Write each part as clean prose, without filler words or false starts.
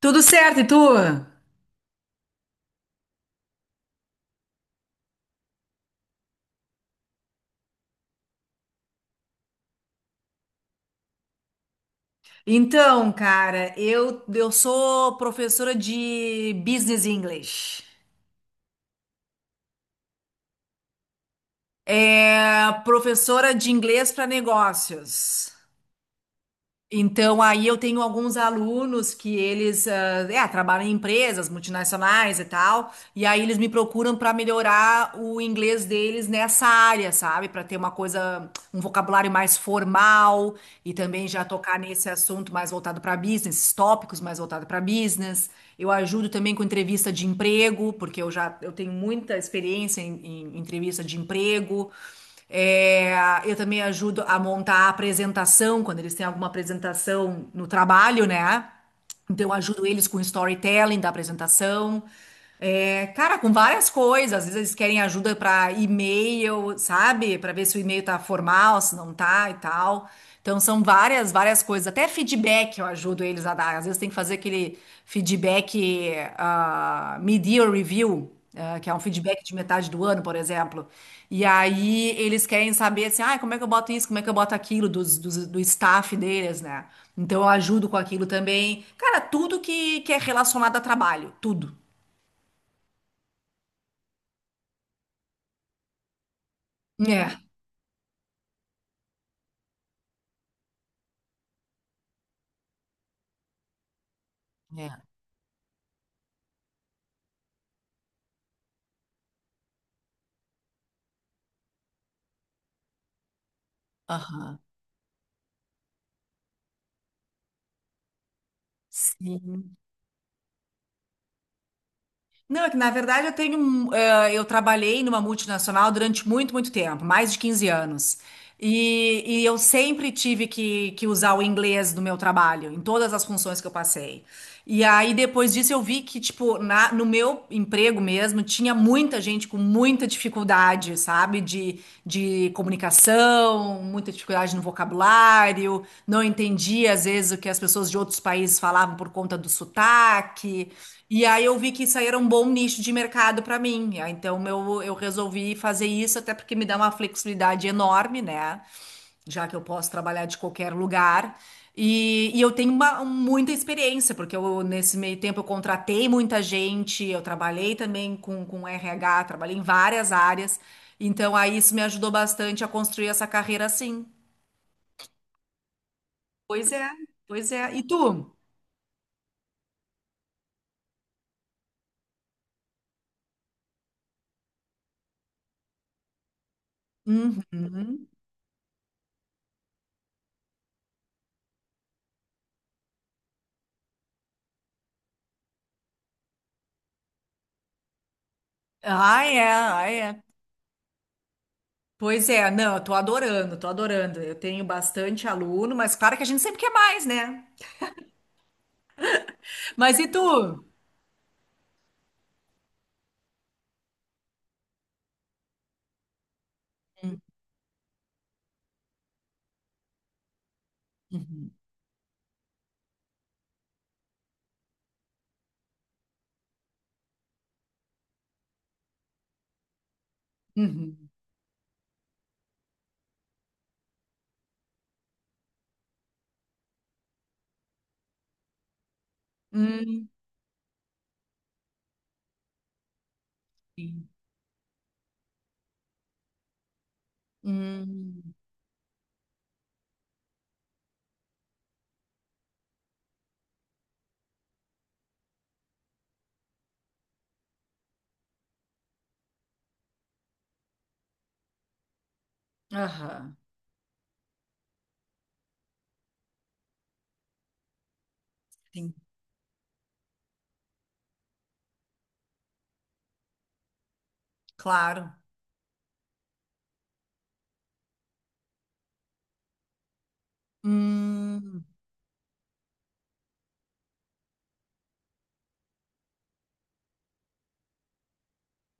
Tudo certo, e tu? Então, cara, eu sou professora de Business English. É professora de inglês para negócios. Então, aí eu tenho alguns alunos que eles trabalham em empresas multinacionais e tal, e aí eles me procuram para melhorar o inglês deles nessa área, sabe? Para ter uma coisa, um vocabulário mais formal e também já tocar nesse assunto mais voltado para business, esses tópicos mais voltado para business. Eu ajudo também com entrevista de emprego, porque eu tenho muita experiência em entrevista de emprego. É, eu também ajudo a montar a apresentação, quando eles têm alguma apresentação no trabalho, né? Então, eu ajudo eles com o storytelling da apresentação. É, cara, com várias coisas. Às vezes eles querem ajuda para e-mail, sabe? Para ver se o e-mail tá formal, se não tá e tal. Então, são várias, várias coisas. Até feedback eu ajudo eles a dar. Às vezes tem que fazer aquele feedback, mid-year review que é um feedback de metade do ano, por exemplo. E aí eles querem saber assim, ah, como é que eu boto isso, como é que eu boto aquilo do staff deles, né? Então eu ajudo com aquilo também. Cara, tudo que é relacionado a trabalho, tudo. É. É. Aham. Sim. Não, é que na verdade eu tenho, eu trabalhei numa multinacional durante muito, muito tempo, mais de 15 anos. E eu sempre tive que usar o inglês no meu trabalho, em todas as funções que eu passei. E aí depois disso eu vi que, tipo, no meu emprego mesmo, tinha muita gente com muita dificuldade, sabe? De comunicação, muita dificuldade no vocabulário, não entendia às vezes o que as pessoas de outros países falavam por conta do sotaque. E aí eu vi que isso aí era um bom nicho de mercado para mim. Ah, então eu resolvi fazer isso, até porque me dá uma flexibilidade enorme, né? Já que eu posso trabalhar de qualquer lugar. E eu tenho muita experiência, porque eu, nesse meio tempo eu contratei muita gente, eu trabalhei também com RH, trabalhei em várias áreas. Então aí isso me ajudou bastante a construir essa carreira assim. Pois é, pois é. E tu? Uhum. Ah, é, ah, é. Pois é, não, eu tô adorando, tô adorando. Eu tenho bastante aluno, mas claro que a gente sempre quer mais, né? Mas e tu? Hum. Uhum. Uhum. Hum. Hum. Aham. Sim, claro. Hum.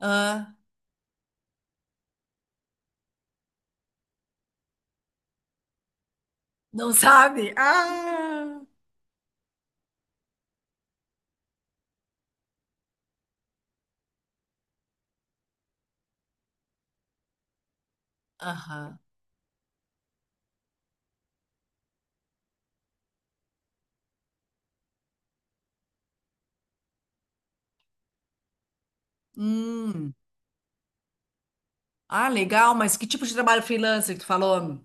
Ah, não sabe? Ah. Aham. Hum. Ah, legal, mas que tipo de trabalho freelancer que tu falou?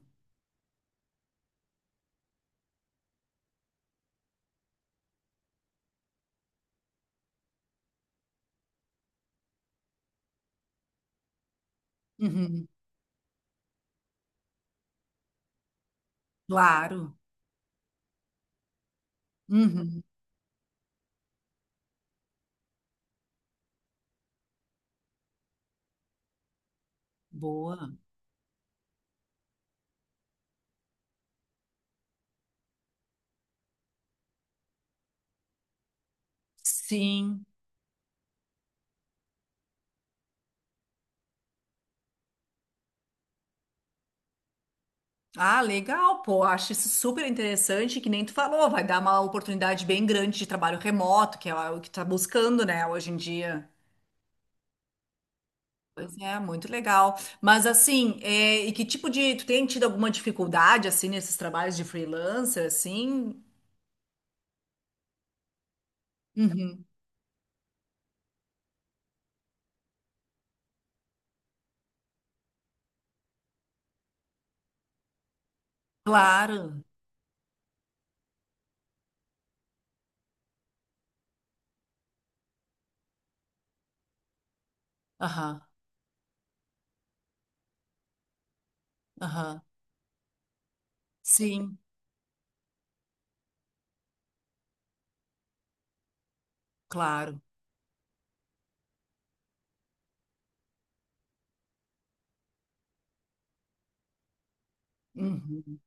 Uhum. Claro. Uhum. Boa. Sim. Ah, legal, pô. Acho isso super interessante, que nem tu falou, vai dar uma oportunidade bem grande de trabalho remoto, que é o que tu tá buscando, né, hoje em dia. Pois é, muito legal. Mas assim, é, e que tipo de. Tu tem tido alguma dificuldade, assim, nesses trabalhos de freelancer, assim? Uhum. Claro. Aham, aham. Sim, claro. Uhum.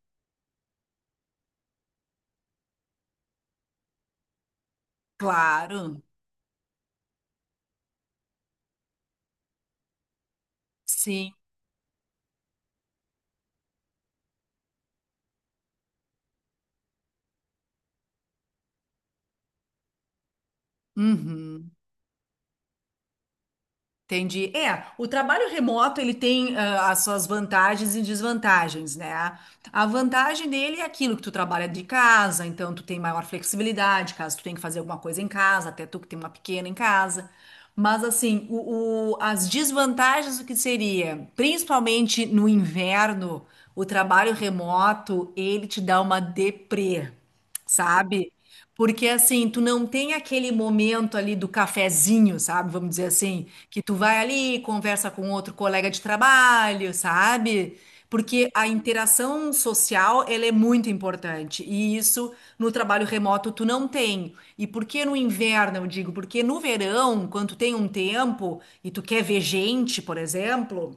Claro. Sim. Uhum. Entendi. É, o trabalho remoto ele tem as suas vantagens e desvantagens, né? A vantagem dele é aquilo que tu trabalha de casa, então tu tem maior flexibilidade, caso tu tenha que fazer alguma coisa em casa, até tu que tem uma pequena em casa. Mas assim, as desvantagens o que seria, principalmente no inverno, o trabalho remoto, ele te dá uma deprê, sabe? Porque assim, tu não tem aquele momento ali do cafezinho, sabe? Vamos dizer assim, que tu vai ali, conversa com outro colega de trabalho, sabe? Porque a interação social, ela é muito importante. E isso no trabalho remoto tu não tem. E por que no inverno, eu digo? Porque no verão, quando tu tem um tempo e tu quer ver gente, por exemplo,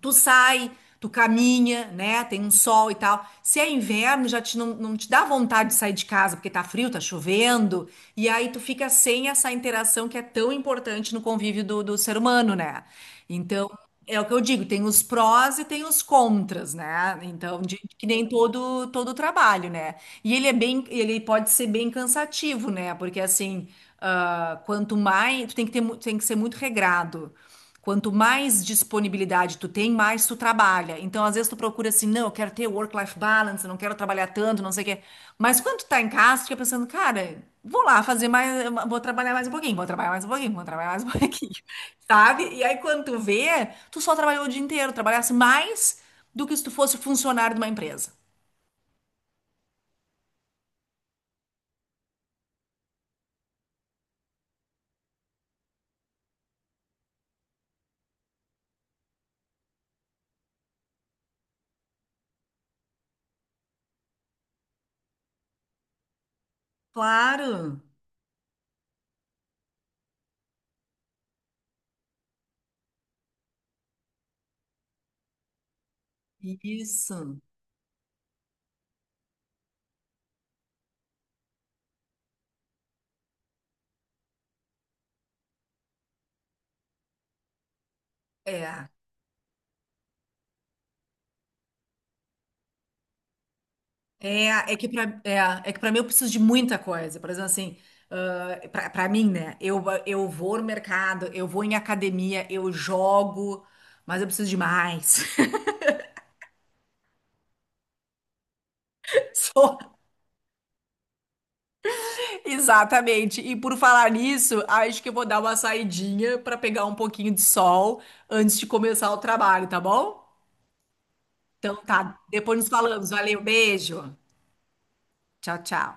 tu sai, tu caminha, né? Tem um sol e tal. Se é inverno, já te, não te dá vontade de sair de casa porque tá frio, tá chovendo. E aí tu fica sem essa interação que é tão importante no convívio do, do ser humano, né? Então, é o que eu digo, tem os prós e tem os contras, né? Então, de, que nem todo trabalho, né? E ele é bem, ele pode ser bem cansativo, né? Porque assim, ah, quanto mais, tu tem que ter, tem que ser muito regrado. Quanto mais disponibilidade tu tem, mais tu trabalha. Então, às vezes tu procura assim, não, eu quero ter work-life balance, eu não quero trabalhar tanto, não sei o quê. Mas quando tu tá em casa, tu fica pensando, cara, vou lá fazer mais, vou trabalhar mais um pouquinho, vou trabalhar mais um pouquinho, vou trabalhar mais um pouquinho, sabe? E aí, quando tu vê, tu só trabalhou o dia inteiro, trabalhasse mais do que se tu fosse funcionário de uma empresa. Claro, isso. É. É, é que pra é, é que para mim eu preciso de muita coisa. Por exemplo, assim, ah, pra para mim, né? Eu vou no mercado, eu vou em academia, eu jogo, mas eu preciso de mais. Só- Exatamente. E por falar nisso, acho que eu vou dar uma saidinha pra pegar um pouquinho de sol antes de começar o trabalho, tá bom? Então tá, depois nos falamos. Valeu, beijo. Tchau, tchau.